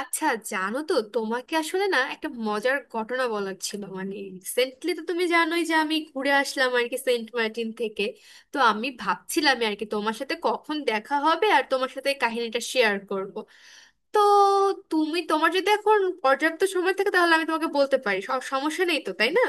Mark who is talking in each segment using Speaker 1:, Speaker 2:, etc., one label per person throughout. Speaker 1: আচ্ছা, জানো তো, তোমাকে আসলে না একটা মজার ঘটনা বলার ছিল। মানে রিসেন্টলি তো তুমি জানোই যে আমি ঘুরে আসলাম আর কি সেন্ট মার্টিন থেকে। তো আমি ভাবছিলাম আর কি তোমার সাথে কখন দেখা হবে আর তোমার সাথে এই কাহিনীটা শেয়ার করব। তো তুমি, তোমার যদি এখন পর্যাপ্ত সময় থাকে তাহলে আমি তোমাকে বলতে পারি, সমস্যা নেই তো, তাই না?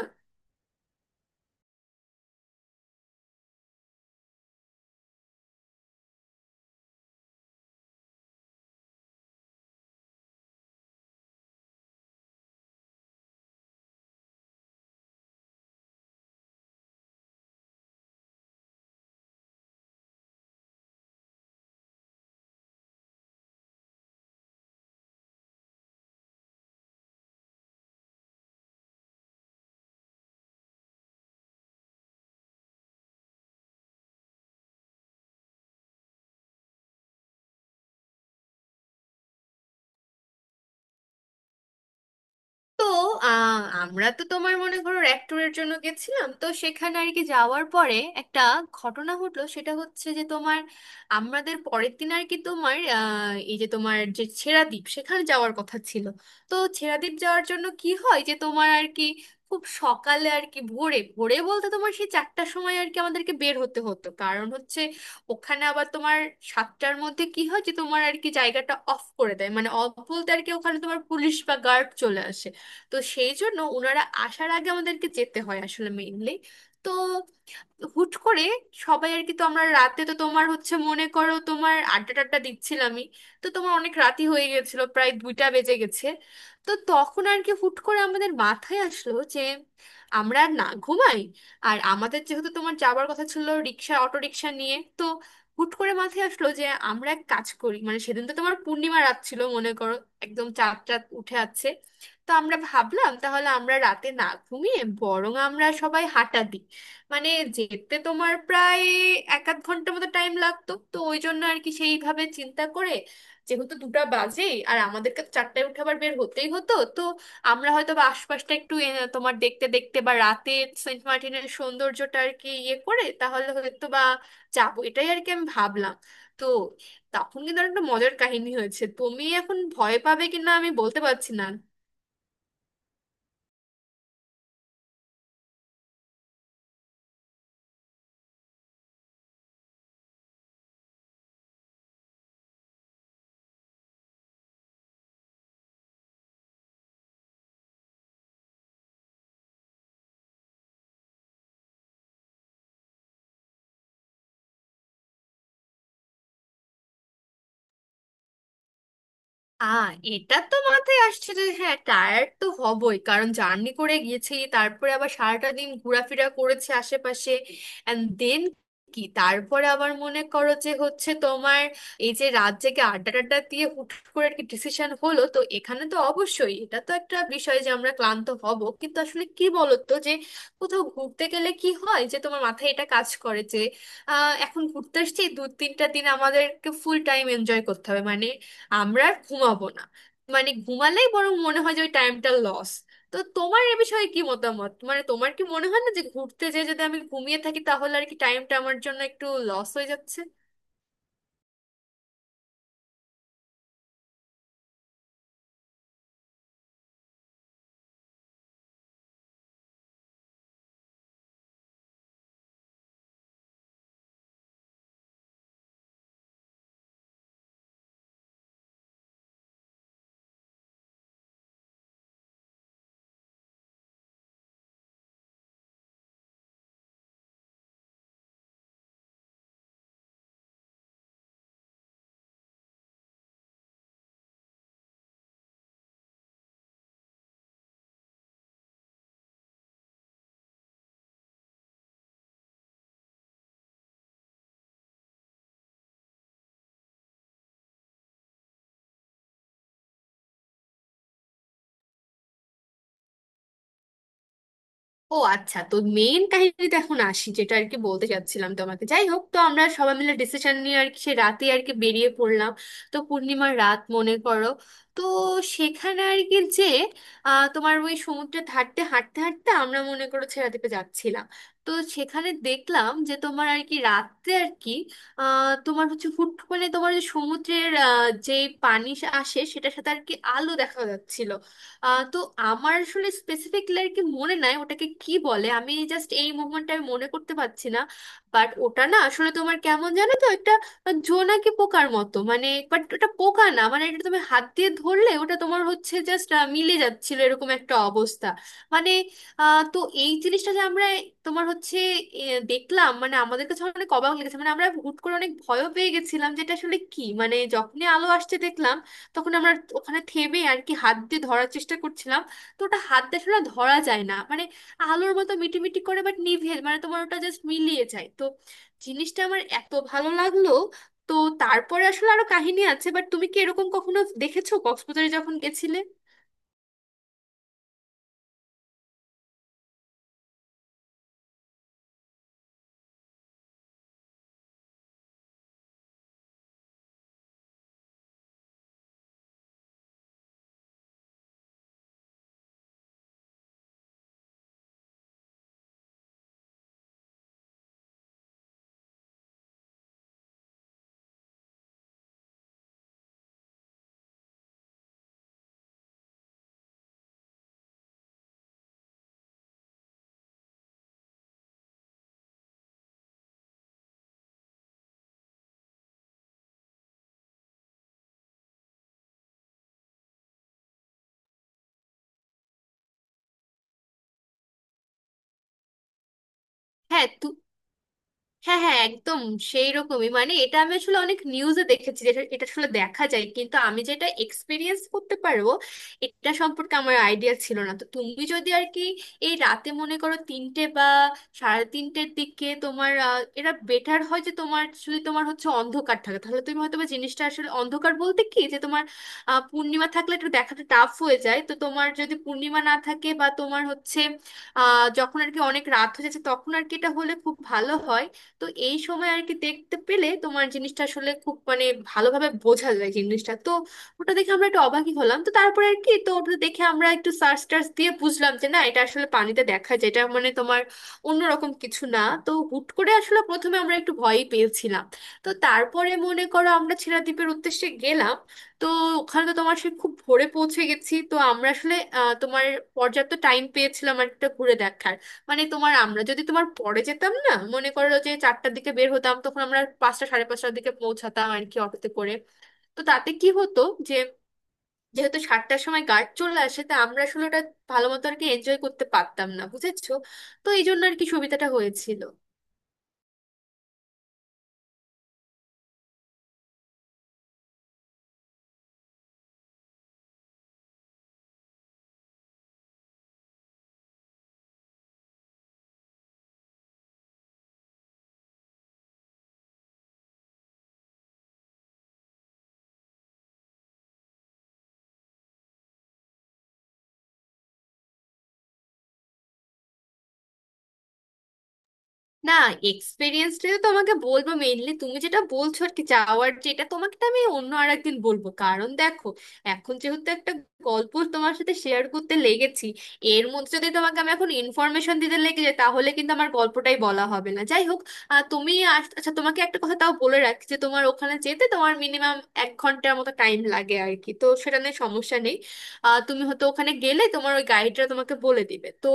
Speaker 1: তো আমরা তো তোমার মনে করো র্যাক ট্যুরের জন্য গেছিলাম। তো সেখানে আর কি যাওয়ার পরে একটা ঘটনা ঘটলো। সেটা হচ্ছে যে তোমার আমাদের পরের দিন আর কি তোমার এই যে তোমার যে ছেড়াদ্বীপ, সেখানে যাওয়ার কথা ছিল। তো ছেড়াদ্বীপ যাওয়ার জন্য কি হয় যে তোমার আর কি খুব সকালে আর কি ভোরে ভোরে বলতে তোমার সেই 4টার সময় আর কি আমাদেরকে বের হতে হতো। কারণ হচ্ছে ওখানে আবার তোমার 7টার মধ্যে কি হয় যে তোমার আর কি জায়গাটা অফ করে দেয়। মানে অফ বলতে আর কি ওখানে তোমার পুলিশ বা গার্ড চলে আসে। তো সেই জন্য ওনারা আসার আগে আমাদেরকে যেতে হয় আসলে মেইনলি। তো হুট করে সবাই আর কি, তো আমরা রাতে তো তোমার হচ্ছে মনে করো তোমার আড্ডা টাড্ডা দিচ্ছিলামই। তো তোমার অনেক রাতি হয়ে গেছিল, প্রায় 2টা বেজে গেছে। তো তখন আর কি হুট করে আমাদের মাথায় আসলো যে আমরা আর না ঘুমাই। আর আমাদের যেহেতু তোমার যাওয়ার কথা ছিল রিক্সা, অটো রিক্সা নিয়ে, তো হুট করে মাথায় আসলো যে আমরা এক কাজ করি। মানে সেদিন তো তোমার পূর্ণিমা রাত ছিল মনে করো, একদম চাঁদ চাঁদ উঠে আছে। তো আমরা ভাবলাম তাহলে আমরা রাতে না ঘুমিয়ে বরং আমরা সবাই হাঁটা দিই। মানে যেতে তোমার প্রায় এক আধ ঘন্টার মতো টাইম লাগতো। তো ওই জন্য আর কি সেইভাবে চিন্তা করে, যেহেতু 2টা বাজেই আর আমাদেরকে তো 4টায় উঠে আবার বের হতেই হতো, তো আমরা হয়তো বা আশপাশটা একটু তোমার দেখতে দেখতে বা রাতে সেন্ট মার্টিনের সৌন্দর্যটা আর কি ইয়ে করে তাহলে হয়তো বা যাবো, এটাই আর কি আমি ভাবলাম। তো তখন কিন্তু আর একটা মজার কাহিনী হয়েছে। তুমি এখন ভয় পাবে কিনা আমি বলতে পারছি না। আ এটা তো মাথায় আসছে যে হ্যাঁ, টায়ার্ড তো হবই, কারণ জার্নি করে গেছি, তারপরে আবার সারাটা দিন ঘোরাফেরা করেছে আশেপাশে। অ্যান্ড দেন কি, তারপরে আবার মনে করো যে হচ্ছে তোমার এই যে রাত জেগে আড্ডা টাড্ডা দিয়ে হুট করে আর কি ডিসিশন হলো, তো এখানে তো অবশ্যই এটা তো একটা বিষয় যে আমরা ক্লান্ত হব। কিন্তু আসলে কি বলতো যে কোথাও ঘুরতে গেলে কি হয় যে তোমার মাথায় এটা কাজ করে যে এখন ঘুরতে আসছি দু তিনটা দিন, আমাদেরকে ফুল টাইম এনজয় করতে হবে। মানে আমরা আর ঘুমাবো না। মানে ঘুমালেই বরং মনে হয় যে ওই টাইমটা লস। তো তোমার এ বিষয়ে কি মতামত? মানে তোমার কি মনে হয় না যে ঘুরতে যেয়ে যদি আমি ঘুমিয়ে থাকি তাহলে আর কি টাইমটা আমার জন্য একটু লস হয়ে যাচ্ছে? ও আচ্ছা, তো মেইন কাহিনীতে এখন আসি, যেটা আর কি বলতে চাচ্ছিলাম তোমাকে। যাই হোক, তো আমরা সবাই মিলে ডিসিশন নিয়ে আর কি সে রাতে আর কি বেরিয়ে পড়লাম। তো পূর্ণিমার রাত মনে করো। তো সেখানে আর কি যে তোমার ওই সমুদ্রের ধারতে হাঁটতে হাঁটতে আমরা মনে করো ছেড়াদ্বীপে যাচ্ছিলাম। তো সেখানে দেখলাম যে তোমার আর কি রাতে আর কি আহ, তোমার হচ্ছে হুট করে তোমার যে সমুদ্রের যে পানি আসে, সেটার সাথে আর কি আলো দেখা যাচ্ছিল। তো আমার আসলে স্পেসিফিকলি আর কি মনে নাই ওটাকে কি বলে, আমি জাস্ট এই মুভমেন্টটা আমি মনে করতে পারছি না। বাট ওটা না আসলে তোমার কেমন, জানো তো, একটা জোনাকি পোকার মতো। মানে বাট ওটা পোকা না, মানে এটা তুমি হাত দিয়ে ধরলে ওটা তোমার হচ্ছে জাস্ট মিলে যাচ্ছিল, এরকম একটা অবস্থা। মানে তো এই জিনিসটা যে আমরা তোমার হচ্ছে এ, দেখলাম, মানে আমাদের কাছে অনেক অবাক লেগেছে। মানে আমরা হুট করে অনেক ভয়ও পেয়ে গেছিলাম যেটা আসলে কি, মানে যখনই আলো আসছে দেখলাম, তখন আমরা ওখানে থেমে আর কি হাত দিয়ে ধরার চেষ্টা করছিলাম। তো ওটা হাত দিয়ে আসলে ধরা যায় না। মানে আলোর মতো মিটিমিটি করে, বাট নিভে, মানে তোমার ওটা জাস্ট মিলিয়ে যায়। তো জিনিসটা আমার এত ভালো লাগলো। তো তারপরে আসলে আরো কাহিনী আছে, বাট তুমি কি এরকম কখনো দেখেছো কক্সবাজারে যখন গেছিলে? হ্যাঁ তু হ্যাঁ হ্যাঁ, একদম সেই রকমই। মানে এটা আমি আসলে অনেক নিউজে দেখেছি, যেটা এটা আসলে দেখা যায়, কিন্তু আমি যেটা এক্সপিরিয়েন্স করতে পারবো এটা সম্পর্কে আমার আইডিয়া ছিল না। তো তুমি যদি আর কি এই রাতে মনে করো 3টে বা সাড়ে 3টের দিকে তোমার এটা বেটার হয় যে তোমার যদি তোমার হচ্ছে অন্ধকার থাকে, তাহলে তুমি হয়তো বা জিনিসটা আসলে, অন্ধকার বলতে কি যে তোমার পূর্ণিমা থাকলে একটু দেখাটা টাফ হয়ে যায়। তো তোমার যদি পূর্ণিমা না থাকে বা তোমার হচ্ছে যখন আর কি অনেক রাত হয়ে যাচ্ছে, তখন আর কি এটা হলে খুব ভালো হয়। তো এই সময় আর কি দেখতে পেলে তোমার জিনিসটা আসলে খুব, মানে ভালোভাবে বোঝা যায় জিনিসটা। তো ওটা দেখে আমরা একটু অবাকই হলাম। তো তারপরে আর কি, তো ওটা দেখে আমরা একটু সার্চ টার্চ দিয়ে বুঝলাম যে না, এটা আসলে পানিতে দেখা যায়, এটা মানে তোমার অন্যরকম কিছু না। তো হুট করে আসলে প্রথমে আমরা একটু ভয়ই পেয়েছিলাম। তো তারপরে মনে করো আমরা ছেড়া দ্বীপের উদ্দেশ্যে গেলাম। তো ওখানে তো তোমার সে খুব ভোরে পৌঁছে গেছি, তো আমরা আসলে তোমার পর্যাপ্ত টাইম পেয়েছিলাম আর একটা ঘুরে দেখার। মানে তোমার আমরা যদি তোমার পরে যেতাম না, মনে করো যে 4টার দিকে বের হতাম, তখন আমরা 5টা সাড়ে 5টার দিকে পৌঁছাতাম আর কি অটোতে করে। তো তাতে কি হতো যে যেহেতু 7টার সময় গার্ড চলে আসে, তা আমরা আসলে ওটা ভালো মতো আর কি এনজয় করতে পারতাম না, বুঝেছো? তো এই জন্য আর কি সুবিধাটা হয়েছিল। না, এক্সপিরিয়েন্স তো তোমাকে বলবো মেইনলি। তুমি যেটা বলছো আর কি যাওয়ার, যেটা তোমাকে তো আমি অন্য আর একদিন বলবো, কারণ দেখো এখন যেহেতু একটা গল্প তোমার সাথে শেয়ার করতে লেগেছি, এর মধ্যে যদি তোমাকে আমি এখন ইনফরমেশন দিতে লেগে যাই তাহলে কিন্তু আমার গল্পটাই বলা হবে না। যাই হোক, তুমি আচ্ছা তোমাকে একটা কথা তাও বলে রাখছি যে তোমার ওখানে যেতে তোমার মিনিমাম 1 ঘন্টার মতো টাইম লাগে আর কি, তো সেটা নিয়ে সমস্যা নেই। তুমি হয়তো ওখানে গেলে তোমার ওই গাইডরা তোমাকে বলে দিবে। তো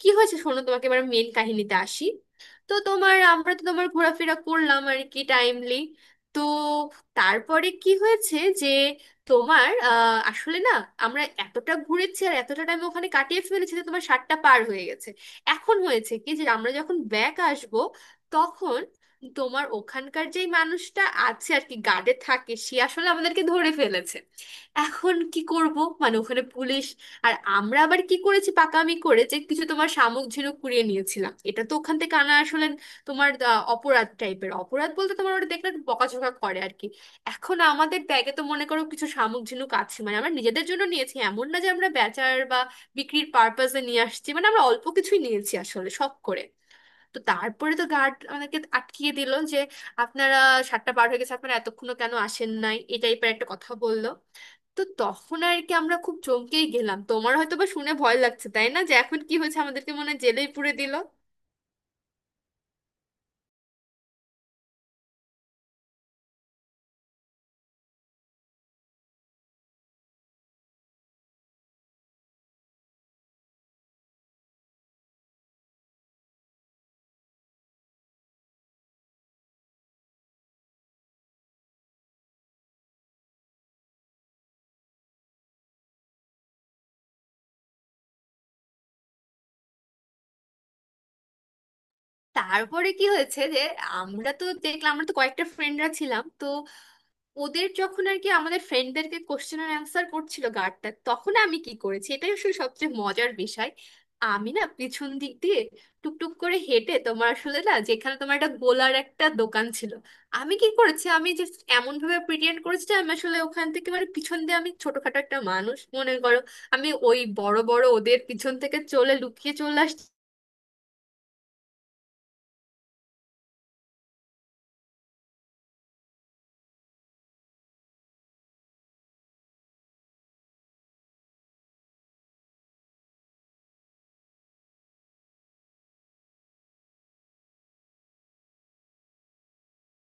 Speaker 1: কি হয়েছে, শোনো, তোমাকে এবার মেন কাহিনীতে আসি। তো তোমার আমরা তো তোমার ঘোরাফেরা করলাম আর কি টাইমলি। তো তারপরে কি হয়েছে যে তোমার আসলে না আমরা এতটা ঘুরেছি আর এতটা টাইম ওখানে কাটিয়ে ফেলেছি যে তোমার 7টা পার হয়ে গেছে। এখন হয়েছে কি যে আমরা যখন ব্যাক আসব তখন তোমার ওখানকার যেই মানুষটা আছে আর কি গার্ডে থাকে সে আসলে আমাদেরকে ধরে ফেলেছে। এখন কি করব, মানে ওখানে পুলিশ! আর আমরা আবার কি করেছি, পাকামি করে যে কিছু তোমার শামুক ঝিনুক কুড়িয়ে নিয়েছিলাম। এটা তো ওখান থেকে আনা আসলে তোমার অপরাধ টাইপের, অপরাধ বলতে তোমার ওটা দেখলে একটু বকাঝকা করে আর কি। এখন আমাদের ব্যাগে তো মনে করো কিছু শামুক ঝিনুক আছে, মানে আমরা নিজেদের জন্য নিয়েছি, এমন না যে আমরা বেচার বা বিক্রির পারপাসে নিয়ে আসছি। মানে আমরা অল্প কিছুই নিয়েছি আসলে শখ করে। তো তারপরে তো গার্ড আমাদেরকে আটকিয়ে দিল যে আপনারা 7টা পার হয়ে গেছে, আপনারা এতক্ষণও কেন আসেন নাই, এই টাইপের একটা কথা বললো। তো তখন আর কি আমরা খুব চমকেই গেলাম। তোমার হয়তো বা শুনে ভয় লাগছে, তাই না, যে এখন কি হয়েছে, আমাদেরকে মনে হয় জেলেই পুরে দিল! তারপরে কি হয়েছে যে আমরা তো দেখলাম আমরা তো কয়েকটা ফ্রেন্ডরা ছিলাম, তো ওদের যখন আর কি আমাদের ফ্রেন্ডদেরকে কোশ্চেন আর অ্যান্সার করছিল গার্ডটা, তখন আমি কি করেছি এটাই আসলে সবচেয়ে মজার বিষয়। আমি না পিছন দিক দিয়ে টুকটুক করে হেঁটে তোমার আসলে না, যেখানে তোমার একটা গোলার একটা দোকান ছিল, আমি কি করেছি আমি যে এমন ভাবে প্রিটেন্ড করেছি যে আমি আসলে ওখান থেকে মানে পিছন দিয়ে, আমি ছোটখাটো একটা মানুষ মনে করো, আমি ওই বড় বড় ওদের পিছন থেকে চলে লুকিয়ে চলে আসছি।